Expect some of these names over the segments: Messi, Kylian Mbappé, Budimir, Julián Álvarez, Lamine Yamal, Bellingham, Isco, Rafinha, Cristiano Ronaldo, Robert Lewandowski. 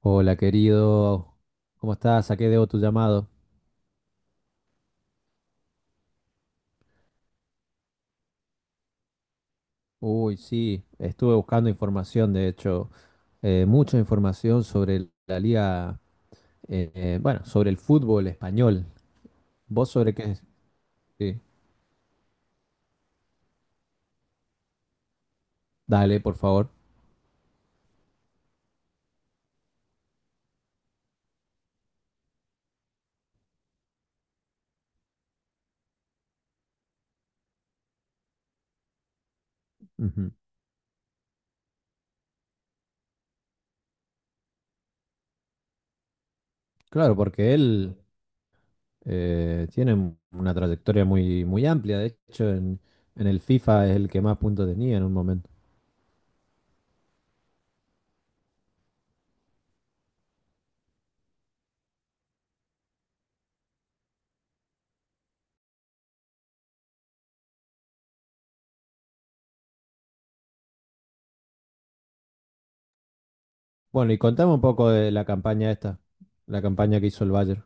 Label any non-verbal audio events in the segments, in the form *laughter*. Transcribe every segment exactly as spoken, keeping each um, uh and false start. Hola querido, ¿cómo estás? ¿A qué debo tu llamado? Uy, sí, estuve buscando información, de hecho, eh, mucha información sobre el- la liga, eh, eh, bueno, sobre el fútbol español. ¿Vos sobre qué? Sí, dale, por favor. Ujú. Claro, porque él eh, tiene un- una trayectoria muy, muy amplia, de hecho, en, en el FIFA es el que más puntos tenía en un momento. Bueno, y contame un poco de la campaña esta, la campaña que hizo el Bayern.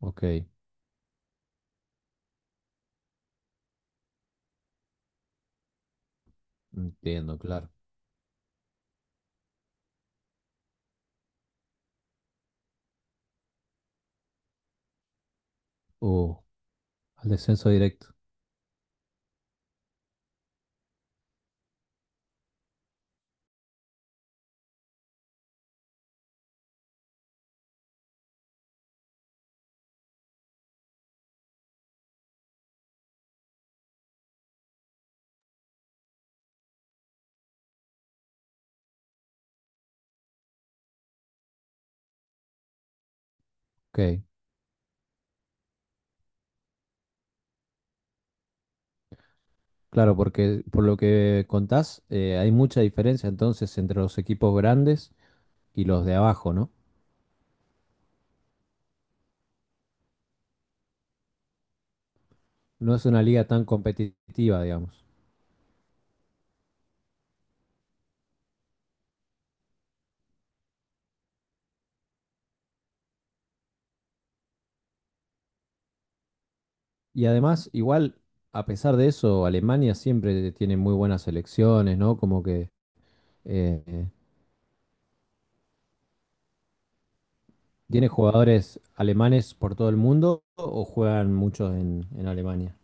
Ok, entiendo, claro. Uh, Al descenso directo. Ok. Claro, porque por lo que contás, eh, hay mucha diferencia entonces entre los equipos grandes y los de abajo, ¿no? No es una liga tan competitiva, digamos. Y además, igual, a pesar de eso, Alemania siempre tiene muy buenas selecciones, ¿no? Como que eh, tiene jugadores alemanes por todo el mundo o juegan muchos en, en, Alemania.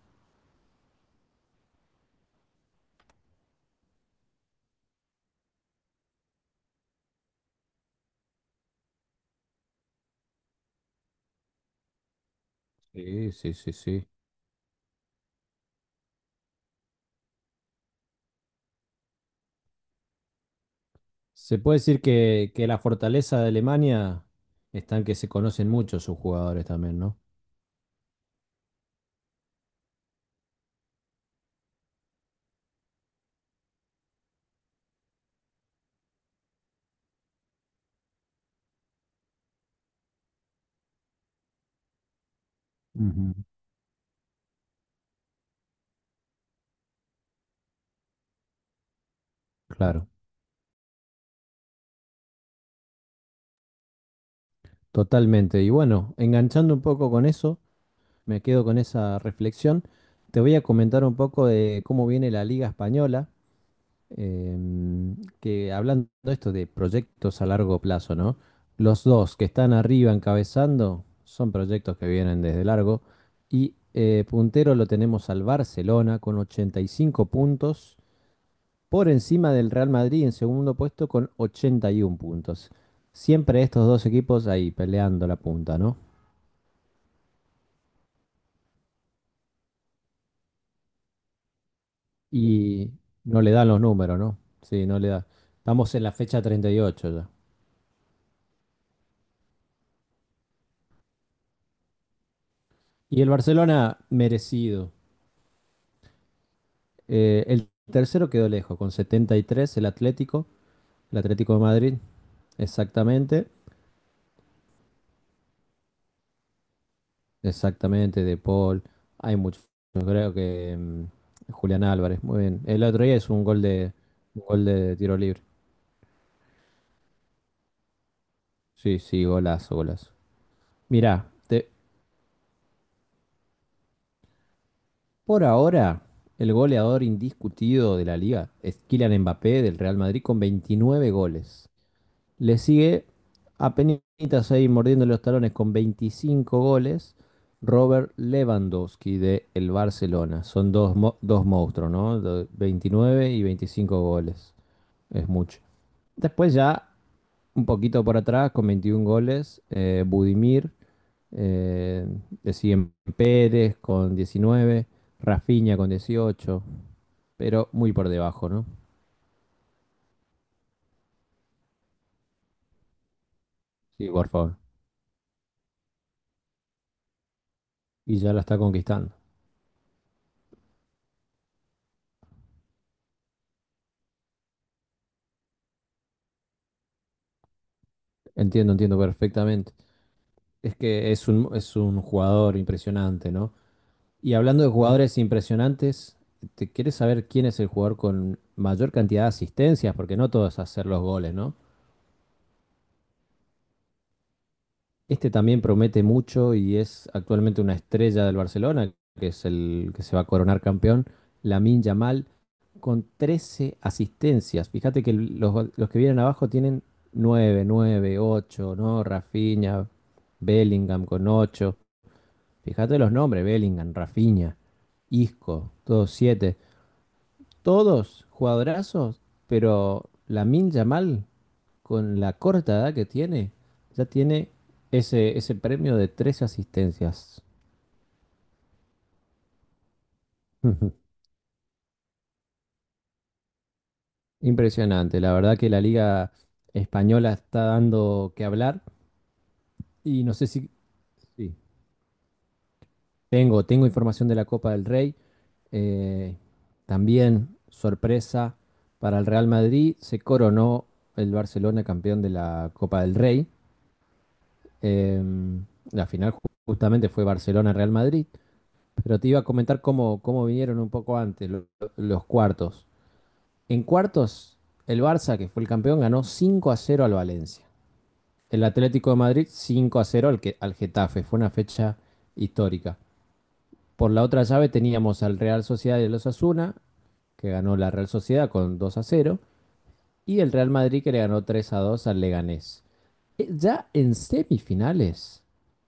Sí, sí, sí, sí. Se puede decir que, que la fortaleza de Alemania está en que se conocen mucho sus jugadores también, ¿no? Ujú. Claro, totalmente. Y bueno, enganchando un poco con eso, me quedo con esa reflexión. Te voy a comentar un poco de cómo viene la Liga Española, em, que hablando de esto de proyectos a largo plazo, ¿no? Los dos que están arriba encabezando son proyectos que vienen desde largo y eh, puntero lo tenemos al Barcelona con ochenta y cinco puntos por encima del Real Madrid en segundo puesto con ochenta y uno puntos. Siempre estos dos equipos ahí peleando la punta, ¿no? Y no le dan los números, ¿no? Sí, no le da. Estamos en la fecha treinta y ocho ya. Y el Barcelona merecido. Eh, el tercero quedó lejos, con setenta y tres el Atlético, el Atlético de Madrid, exactamente, exactamente de Paul. Hay muchos, creo que mm, Julián Álvarez, muy bien. El otro día es un gol de, un gol de tiro libre. Sí, sí, golazo, golazo. Mirá, te- por ahora el goleador indiscutido de la liga es Kylian Mbappé del Real Madrid con veintinueve goles. Le sigue apenitas ahí mordiendo los talones con veinticinco goles Robert Lewandowski de el Barcelona. Son dos, mo- dos monstruos, ¿no? Do- veintinueve y veinticinco goles. Es mucho. Después ya un poquito por atrás con veintiún goles eh, Budimir. Eh, Le siguen Pérez con diecinueve, Rafinha con dieciocho, pero muy por debajo, ¿no? Sí, por favor. Y ya la está conquistando. Entiendo, entiendo perfectamente. Es que es un, es un jugador impresionante, ¿no? Y hablando de jugadores impresionantes, ¿te quieres saber quién es el jugador con mayor cantidad de asistencias? Porque no todos hacer los goles, ¿no? Este también promete mucho y es actualmente una estrella del Barcelona, que es el que se va a coronar campeón, Lamine Yamal, con trece asistencias. Fíjate que los, los que vienen abajo tienen nueve, nueve, ocho, ¿no? Rafinha, Bellingham con ocho. Fíjate los nombres, Bellingham, Rafinha, Isco, todos siete, todos jugadorazos, pero Lamine Yamal con la corta edad que tiene, ya tiene ese, ese premio de tres asistencias. *laughs* Impresionante, la verdad que la liga española está dando que hablar y no sé si... Sí, tengo, tengo información de la Copa del Rey. eh, también sorpresa para el Real Madrid, se coronó el Barcelona campeón de la Copa del Rey. eh, la final ju- justamente fue Barcelona-Real Madrid. Pero te iba a comentar cómo, cómo vinieron un poco antes lo- los cuartos. En cuartos, el Barça, que fue el campeón, ganó cinco a cero al Valencia. El Atlético de Madrid cinco a cero al, que- al Getafe. Fue una fecha histórica. Por la otra llave teníamos al Real Sociedad y el Osasuna, que ganó la Real Sociedad con dos a cero. Y el Real Madrid que le ganó tres a dos al Leganés. Eh, Ya en semifinales,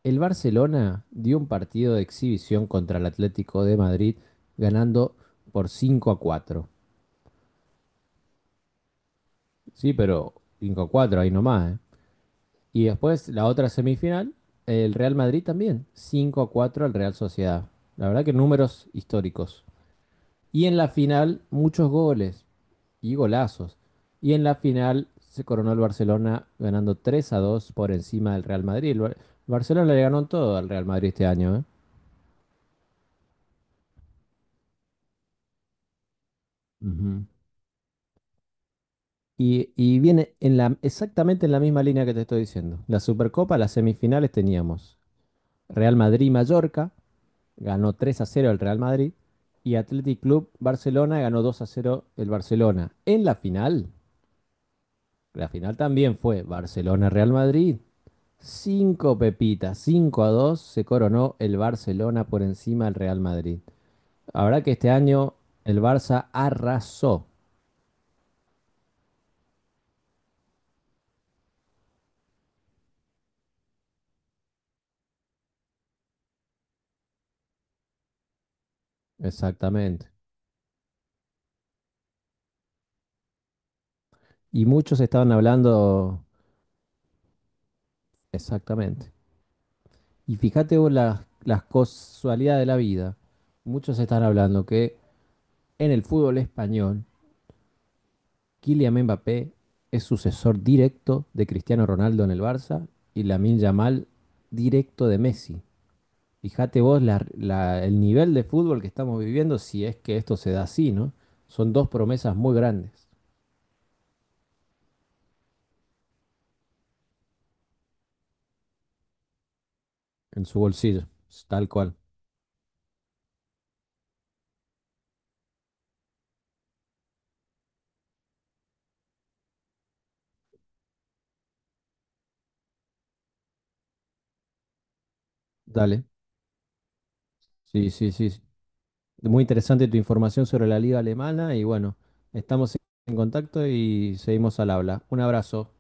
el Barcelona dio un partido de exhibición contra el Atlético de Madrid, ganando por cinco a cuatro. Sí, pero cinco a cuatro ahí nomás, ¿eh? Y después la otra semifinal, el Real Madrid también, cinco a cuatro al Real Sociedad. La verdad que números históricos. Y en la final, muchos goles y golazos. Y en la final se coronó el Barcelona ganando tres a dos por encima del Real Madrid. El Bar- Barcelona le ganó todo al Real Madrid este año, ¿eh? Ujú. Y, y viene en la, exactamente en la misma línea que te estoy diciendo. La Supercopa, las semifinales teníamos Real Madrid-Mallorca, ganó tres a cero el Real Madrid, y Athletic Club Barcelona ganó dos a cero el Barcelona. En la final, la final también fue Barcelona-Real Madrid, cinco pepitas, cinco a dos se coronó el Barcelona por encima del Real Madrid. Habrá que este año el Barça arrasó, exactamente. Y muchos estaban hablando, exactamente. Y fíjate vos las, las casualidades de la vida. Muchos están hablando que en el fútbol español, Kylian Mbappé es sucesor directo de Cristiano Ronaldo en el Barça y Lamine Yamal directo de Messi. Fíjate vos la- la- el nivel de fútbol que estamos viviendo, si es que esto se da así, ¿no? Son dos promesas muy grandes en su bolsillo, s- tal cual. Dale. Sí, sí, sí. Sí. Muy interesante tu información sobre la liga alemana y bueno, estamos en contacto y seguimos al habla. Un abrazo.